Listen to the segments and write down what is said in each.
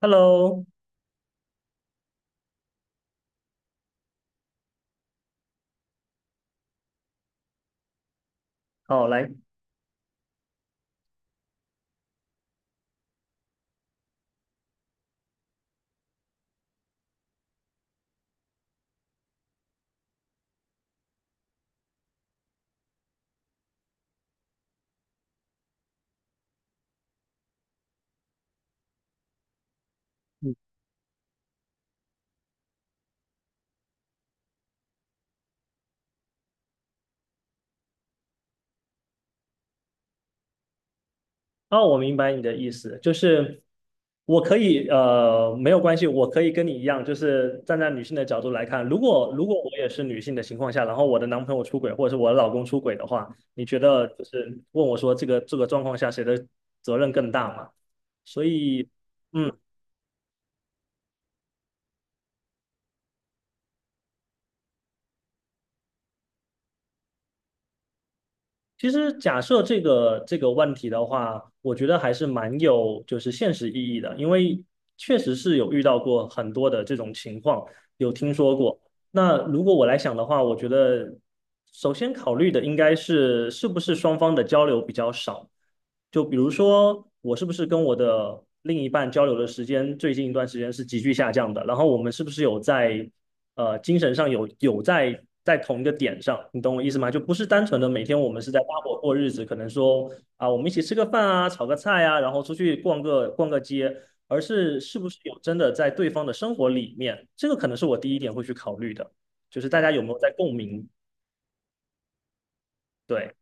Hello，好，来，哦，我明白你的意思，就是我可以，没有关系，我可以跟你一样，就是站在女性的角度来看，如果我也是女性的情况下，然后我的男朋友出轨或者是我的老公出轨的话，你觉得就是问我说这个状况下谁的责任更大嘛？所以，嗯，其实假设这个问题的话，我觉得还是蛮有就是现实意义的，因为确实是有遇到过很多的这种情况，有听说过。那如果我来想的话，我觉得首先考虑的应该是是不是双方的交流比较少。就比如说，我是不是跟我的另一半交流的时间最近一段时间是急剧下降的？然后我们是不是有在精神上有在在同一个点上？你懂我意思吗？就不是单纯的每天我们是在搭伙过日子，可能说啊我们一起吃个饭啊，炒个菜啊，然后出去逛个街。而是是不是有真的在对方的生活里面，这个可能是我第一点会去考虑的，就是大家有没有在共鸣。对，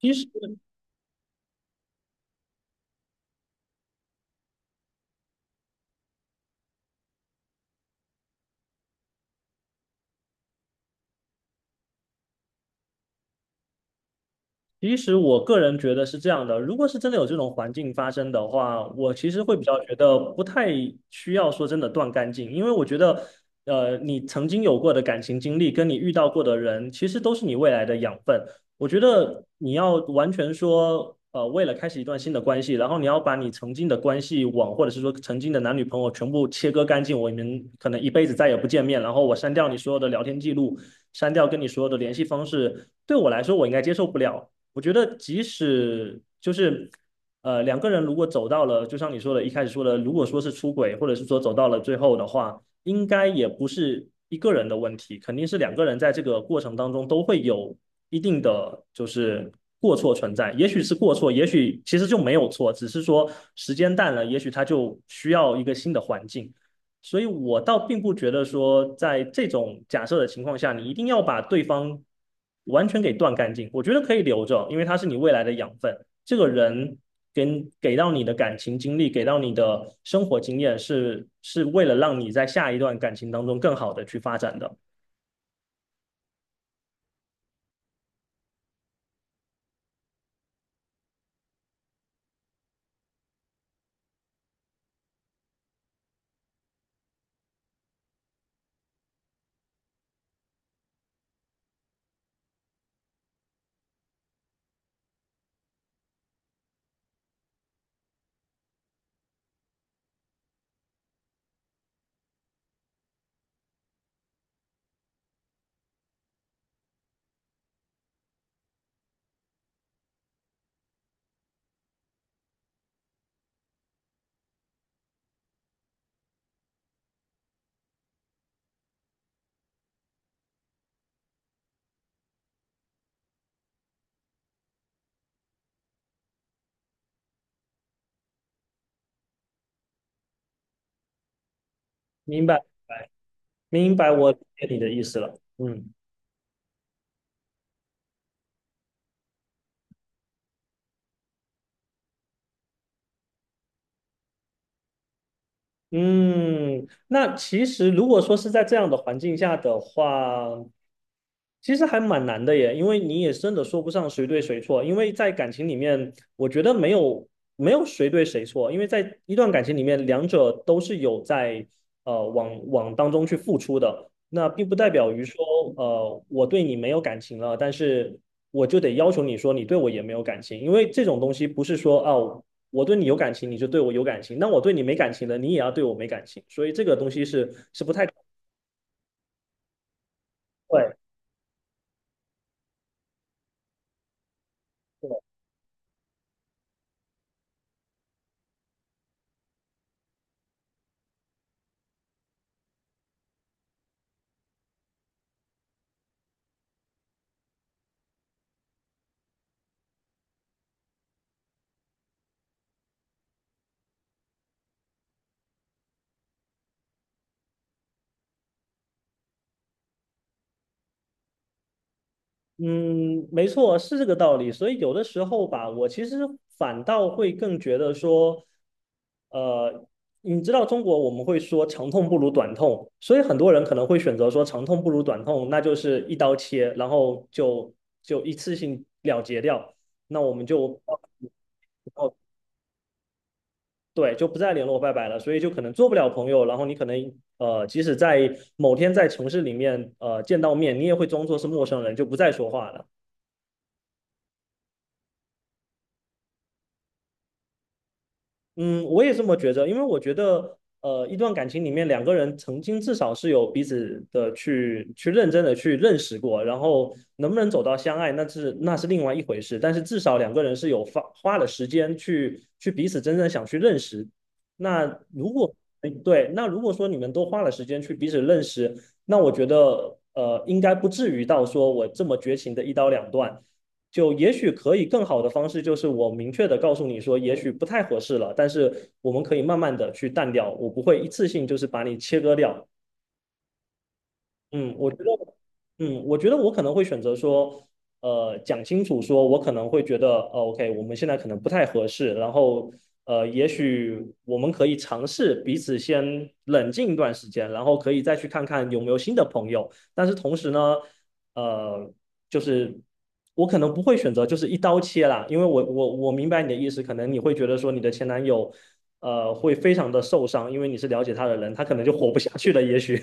其实其实我个人觉得是这样的，如果是真的有这种环境发生的话，我其实会比较觉得不太需要说真的断干净，因为我觉得，你曾经有过的感情经历跟你遇到过的人，其实都是你未来的养分。我觉得你要完全说，为了开始一段新的关系，然后你要把你曾经的关系网，或者是说曾经的男女朋友全部切割干净，我们可能一辈子再也不见面，然后我删掉你所有的聊天记录，删掉跟你所有的联系方式，对我来说我应该接受不了。我觉得即使就是，两个人如果走到了，就像你说的，一开始说的，如果说是出轨，或者是说走到了最后的话，应该也不是一个人的问题，肯定是两个人在这个过程当中都会有一定的就是过错存在，也许是过错，也许其实就没有错，只是说时间淡了，也许他就需要一个新的环境。所以我倒并不觉得说，在这种假设的情况下，你一定要把对方完全给断干净。我觉得可以留着，因为他是你未来的养分。这个人给到你的感情经历，给到你的生活经验是，是为了让你在下一段感情当中更好的去发展的。明白，明白，我理解你的意思了。嗯嗯，那其实如果说是在这样的环境下的话，其实还蛮难的耶，因为你也真的说不上谁对谁错，因为在感情里面，我觉得没有谁对谁错，因为在一段感情里面，两者都是有在往往当中去付出的，那并不代表于说我对你没有感情了，但是我就得要求你说你对我也没有感情，因为这种东西不是说哦我对你有感情你就对我有感情，那我对你没感情了，你也要对我没感情，所以这个东西是是不太对。嗯，没错，是这个道理。所以有的时候吧，我其实反倒会更觉得说，呃，你知道中国我们会说长痛不如短痛，所以很多人可能会选择说长痛不如短痛，那就是一刀切，然后就一次性了结掉，那我们就哦，对，就不再联络，拜拜了。所以就可能做不了朋友，然后你可能即使在某天在城市里面见到面，你也会装作是陌生人，就不再说话了。嗯，我也这么觉着，因为我觉得，一段感情里面两个人曾经至少是有彼此的去认真的去认识过，然后能不能走到相爱，那是另外一回事，但是至少两个人是有花了时间去彼此真正想去认识。那如果哎对，那如果说你们都花了时间去彼此认识，那我觉得应该不至于到说我这么绝情的一刀两断。就也许可以更好的方式，就是我明确的告诉你说，也许不太合适了，但是我们可以慢慢的去淡掉，我不会一次性就是把你切割掉，嗯，我觉得，嗯，我觉得我可能会选择说，讲清楚说，我可能会觉得，哦，OK，我们现在可能不太合适，然后，也许我们可以尝试彼此先冷静一段时间，然后可以再去看看有没有新的朋友。但是同时呢，呃，就是我可能不会选择就是一刀切啦，因为我明白你的意思，可能你会觉得说你的前男友，会非常的受伤，因为你是了解他的人，他可能就活不下去了，也许。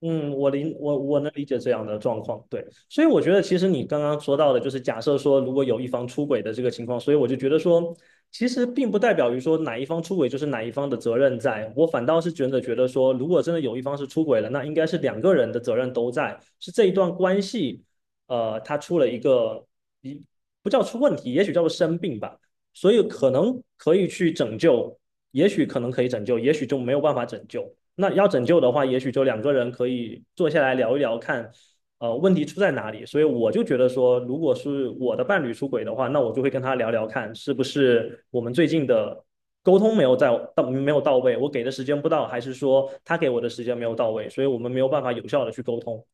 嗯，我能理解这样的状况，对，所以我觉得其实你刚刚说到的，就是假设说如果有一方出轨的这个情况，所以我就觉得说，其实并不代表于说哪一方出轨就是哪一方的责任在，我反倒是觉得说，如果真的有一方是出轨了，那应该是两个人的责任都在，是这一段关系，它出了一个一不叫出问题，也许叫做生病吧。所以可能可以去拯救，也许可能可以拯救，也许就没有办法拯救。那要拯救的话，也许就两个人可以坐下来聊一聊，看问题出在哪里。所以我就觉得说，如果是我的伴侣出轨的话，那我就会跟他聊聊看，是不是我们最近的沟通没有在到没有到位，我给的时间不到，还是说他给我的时间没有到位，所以我们没有办法有效的去沟通，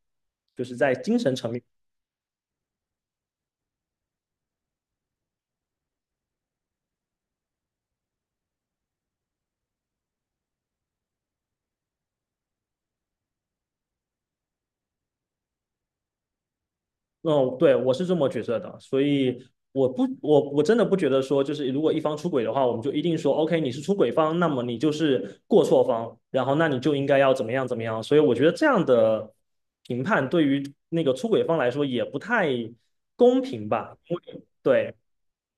就是在精神层面嗯，对，我是这么觉得的，所以我真的不觉得说，就是如果一方出轨的话，我们就一定说，OK，你是出轨方，那么你就是过错方，然后那你就应该要怎么样怎么样。所以我觉得这样的评判对于那个出轨方来说也不太公平吧，因为对。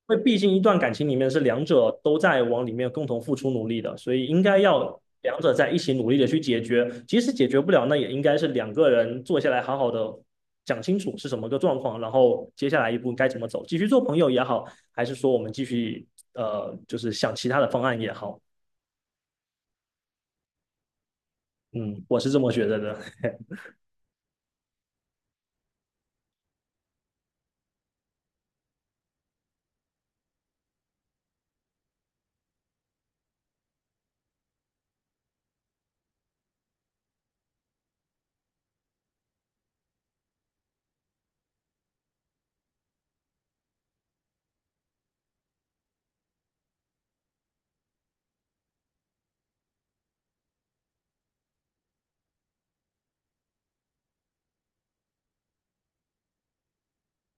因为毕竟一段感情里面是两者都在往里面共同付出努力的，所以应该要两者在一起努力的去解决。即使解决不了，那也应该是两个人坐下来好好的讲清楚是什么个状况，然后接下来一步该怎么走，继续做朋友也好，还是说我们继续就是想其他的方案也好。嗯，我是这么觉得的，是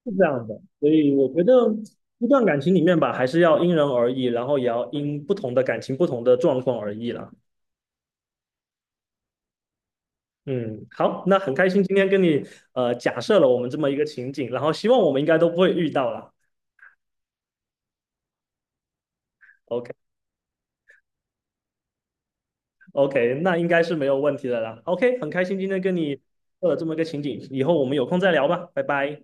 这样的。所以我觉得一段感情里面吧，还是要因人而异，然后也要因不同的感情、不同的状况而异啦。嗯，好，那很开心今天跟你假设了我们这么一个情景，然后希望我们应该都不会遇到了。OK。 OK，那应该是没有问题的啦。OK，很开心今天跟你做了这么一个情景，以后我们有空再聊吧，拜拜。